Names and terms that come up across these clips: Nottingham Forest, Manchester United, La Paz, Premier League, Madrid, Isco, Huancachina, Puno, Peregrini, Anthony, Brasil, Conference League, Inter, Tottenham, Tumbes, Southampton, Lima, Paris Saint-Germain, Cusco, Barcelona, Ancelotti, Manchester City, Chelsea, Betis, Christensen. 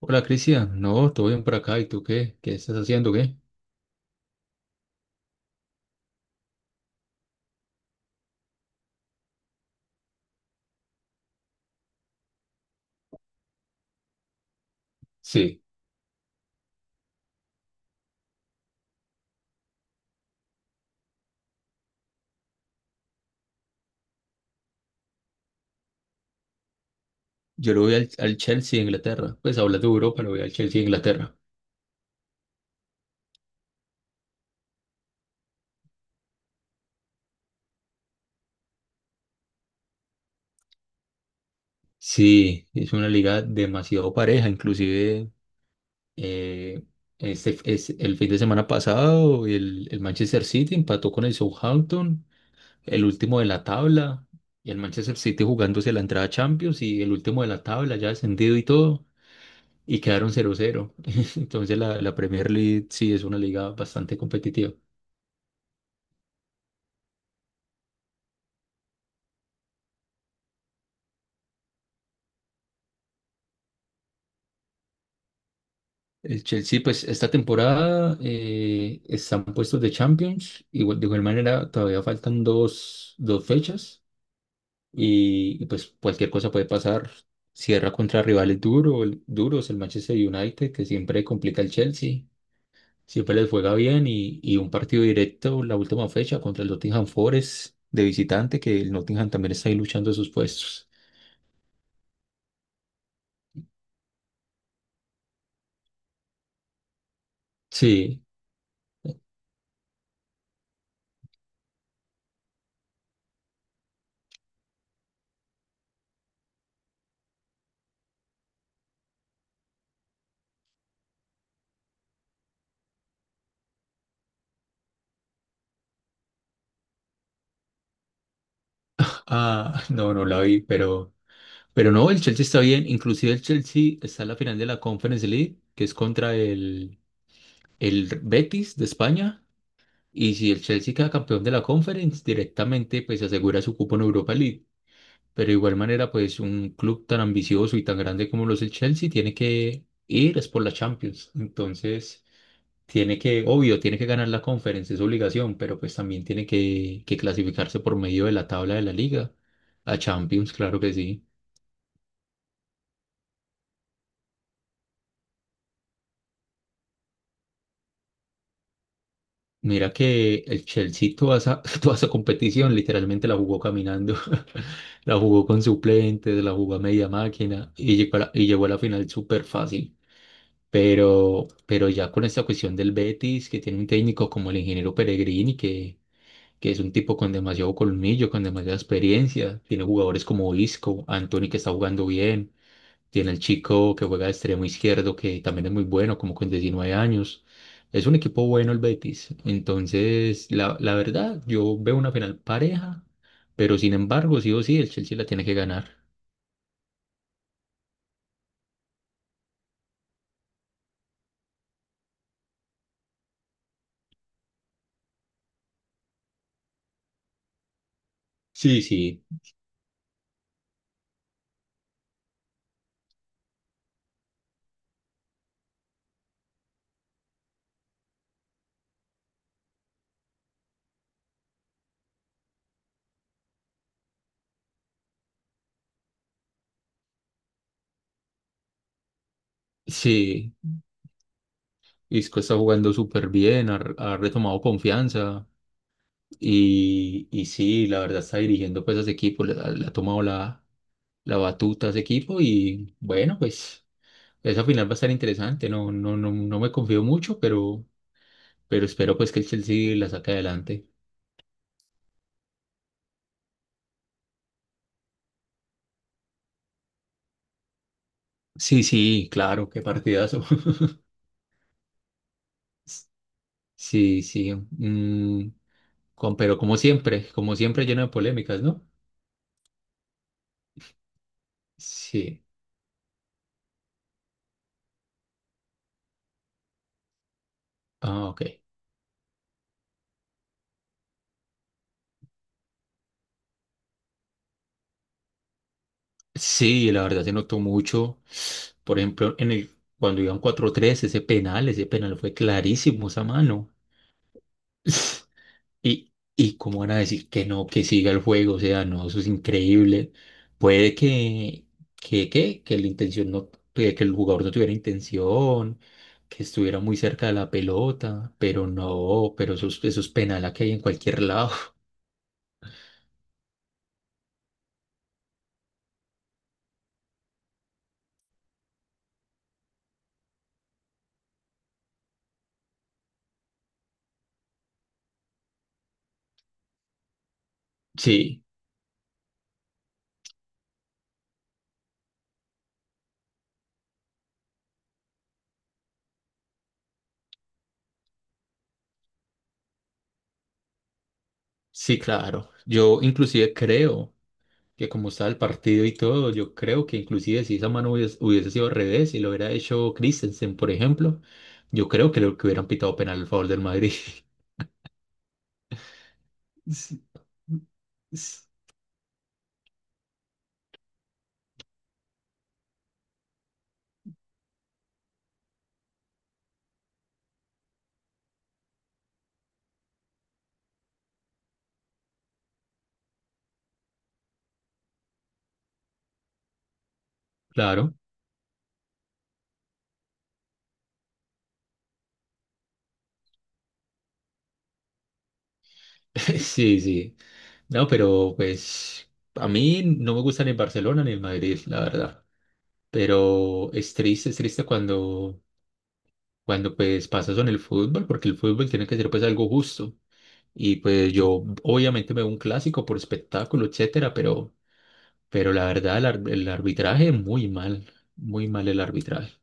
Hola Cristian, no, todo bien por acá. ¿Y tú qué? ¿Qué estás haciendo? ¿Qué? Sí, yo lo voy al Chelsea de Inglaterra. Pues hablas de Europa, lo voy al Chelsea de Inglaterra. Sí, es una liga demasiado pareja. Inclusive eh, es el fin de semana pasado el Manchester City empató con el Southampton, el último de la tabla, y el Manchester City jugándose la entrada a Champions y el último de la tabla ya descendido y todo. Y quedaron 0-0. Entonces la Premier League sí es una liga bastante competitiva. El Chelsea, pues esta temporada están puestos de Champions, igual, de igual manera todavía faltan dos fechas y, pues cualquier cosa puede pasar. Cierra contra rivales duros, el Manchester United, que siempre complica el Chelsea, siempre les juega bien y un partido directo la última fecha contra el Nottingham Forest de visitante, que el Nottingham también está ahí luchando sus puestos. Sí, ah, no, no la vi, Pero no, el Chelsea está bien. Inclusive el Chelsea está en la final de la Conference League, que es contra el Betis de España. Y si el Chelsea queda campeón de la Conference, directamente pues asegura su cupo en Europa League. Pero de igual manera, pues un club tan ambicioso y tan grande como lo es el Chelsea tiene que ir es por la Champions. Entonces, tiene que, obvio, tiene que ganar la Conference, es obligación, pero pues también tiene que clasificarse por medio de la tabla de la liga. A Champions, claro que sí. Mira que el Chelsea toda esa, toda esa competición literalmente la jugó caminando, la jugó con suplentes, la jugó a media máquina y llegó a la final súper fácil. Pero ya con esta cuestión del Betis, que tiene un técnico como el ingeniero Peregrini, que es un tipo con demasiado colmillo, con demasiada experiencia, tiene jugadores como Isco, Anthony que está jugando bien, tiene el chico que juega de extremo izquierdo, que también es muy bueno, como con 19 años. Es un equipo bueno el Betis. Entonces, la verdad, yo veo una final pareja, pero sin embargo, sí o sí, el Chelsea la tiene que ganar. Sí, sí. Sí, Isco está jugando súper bien, ha retomado confianza y sí, la verdad está dirigiendo pues a ese equipo, le ha tomado la batuta a ese equipo y bueno, pues esa final va a estar interesante, no, no, no, no me confío mucho, pero espero pues que el Chelsea la saque adelante. Sí, sí, claro, qué partidazo. Sí, sí, pero como siempre lleno de polémicas, ¿no? Sí, ah, ok. Sí, la verdad se notó mucho. Por ejemplo, cuando iban 4-3 ese penal fue clarísimo, esa mano. Y cómo van a decir que no, que siga el juego, o sea, no, eso es increíble. Puede que la intención no, que el jugador no tuviera intención, que estuviera muy cerca de la pelota, pero no, pero eso, eso es penal a que hay en cualquier lado. Sí, sí, claro. Yo inclusive creo que como estaba el partido y todo, yo creo que inclusive si esa mano hubiese sido al revés y lo hubiera hecho Christensen, por ejemplo, yo creo que lo que hubieran pitado penal a favor del Madrid. S- s- Claro, sí, sí. No, pero pues a mí no me gusta ni el Barcelona ni el Madrid, la verdad. Pero es triste cuando pues pasa eso en el fútbol, porque el fútbol tiene que ser pues algo justo. Y pues yo obviamente me veo un clásico por espectáculo, etcétera, pero la verdad el arbitraje muy mal el arbitraje.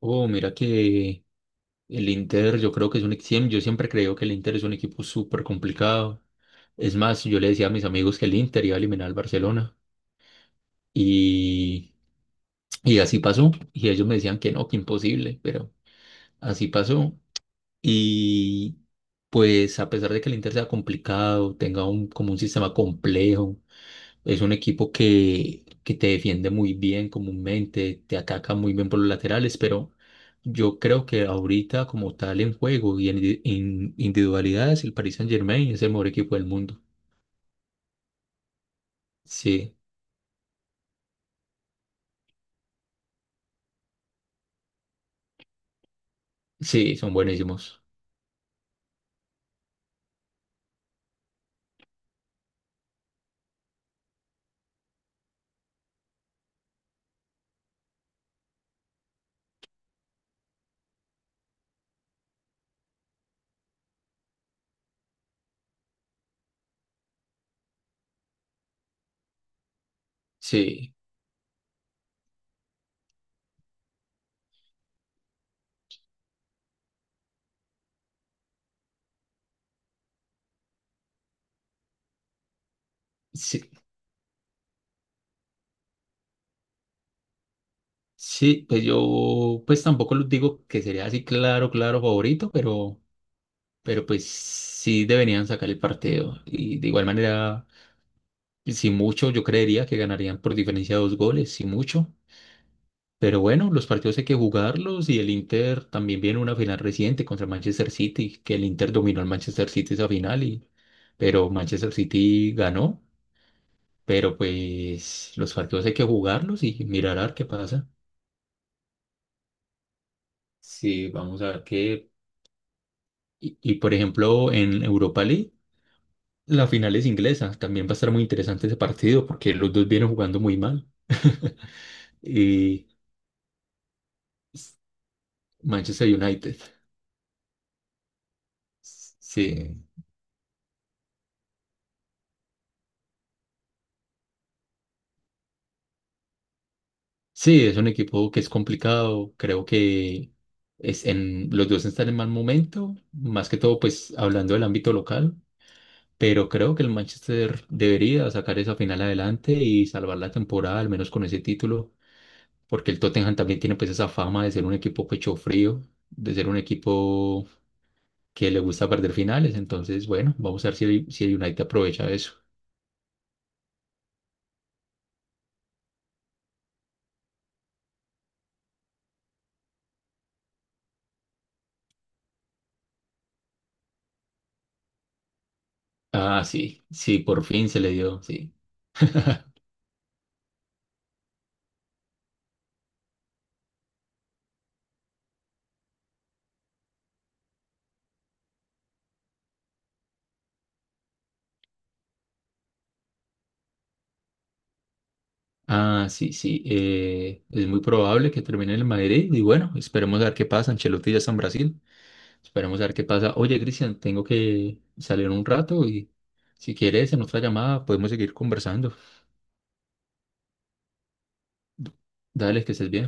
Oh, mira que el Inter, yo creo que es un equipo, yo siempre creo que el Inter es un equipo súper complicado. Es más, yo le decía a mis amigos que el Inter iba a eliminar al Barcelona y, y así pasó. Y ellos me decían que no, que imposible, pero así pasó. Y pues a pesar de que el Inter sea complicado, tenga como un sistema complejo, es un equipo que te defiende muy bien comúnmente, te ataca muy bien por los laterales, pero yo creo que ahorita como tal en juego y en individualidades, el Paris Saint-Germain es el mejor equipo del mundo. Sí, sí, son buenísimos. Sí, sí, sí, pues yo pues tampoco los digo que sería así claro, claro favorito, pero pues sí deberían sacar el partido. Y de igual manera, si mucho, yo creería que ganarían por diferencia de dos goles, si mucho. Pero bueno, los partidos hay que jugarlos y el Inter también viene una final reciente contra el Manchester City, que el Inter dominó al Manchester City esa final, pero Manchester City ganó. Pero pues los partidos hay que jugarlos y mirar a ver qué pasa. Sí, vamos a ver qué. Por ejemplo, en Europa League, la final es inglesa. También va a estar muy interesante ese partido porque los dos vienen jugando muy mal. Y Manchester United. Sí, sí, es un equipo que es complicado. Creo que los dos están en mal momento, más que todo, pues hablando del ámbito local. Pero creo que el Manchester debería sacar esa final adelante y salvar la temporada, al menos con ese título, porque el Tottenham también tiene pues esa fama de ser un equipo pecho frío, de ser un equipo que le gusta perder finales. Entonces, bueno, vamos a ver si el, si el United aprovecha eso. Ah, sí, sí, por fin se le dio, sí. Ah, sí, sí, es muy probable que termine en el Madrid y bueno, esperemos a ver qué pasa. Ancelotti ya está en Brasil, esperemos a ver qué pasa. Oye, Cristian, tengo que salir un rato y si quieres en otra llamada podemos seguir conversando. Dale, que estés bien.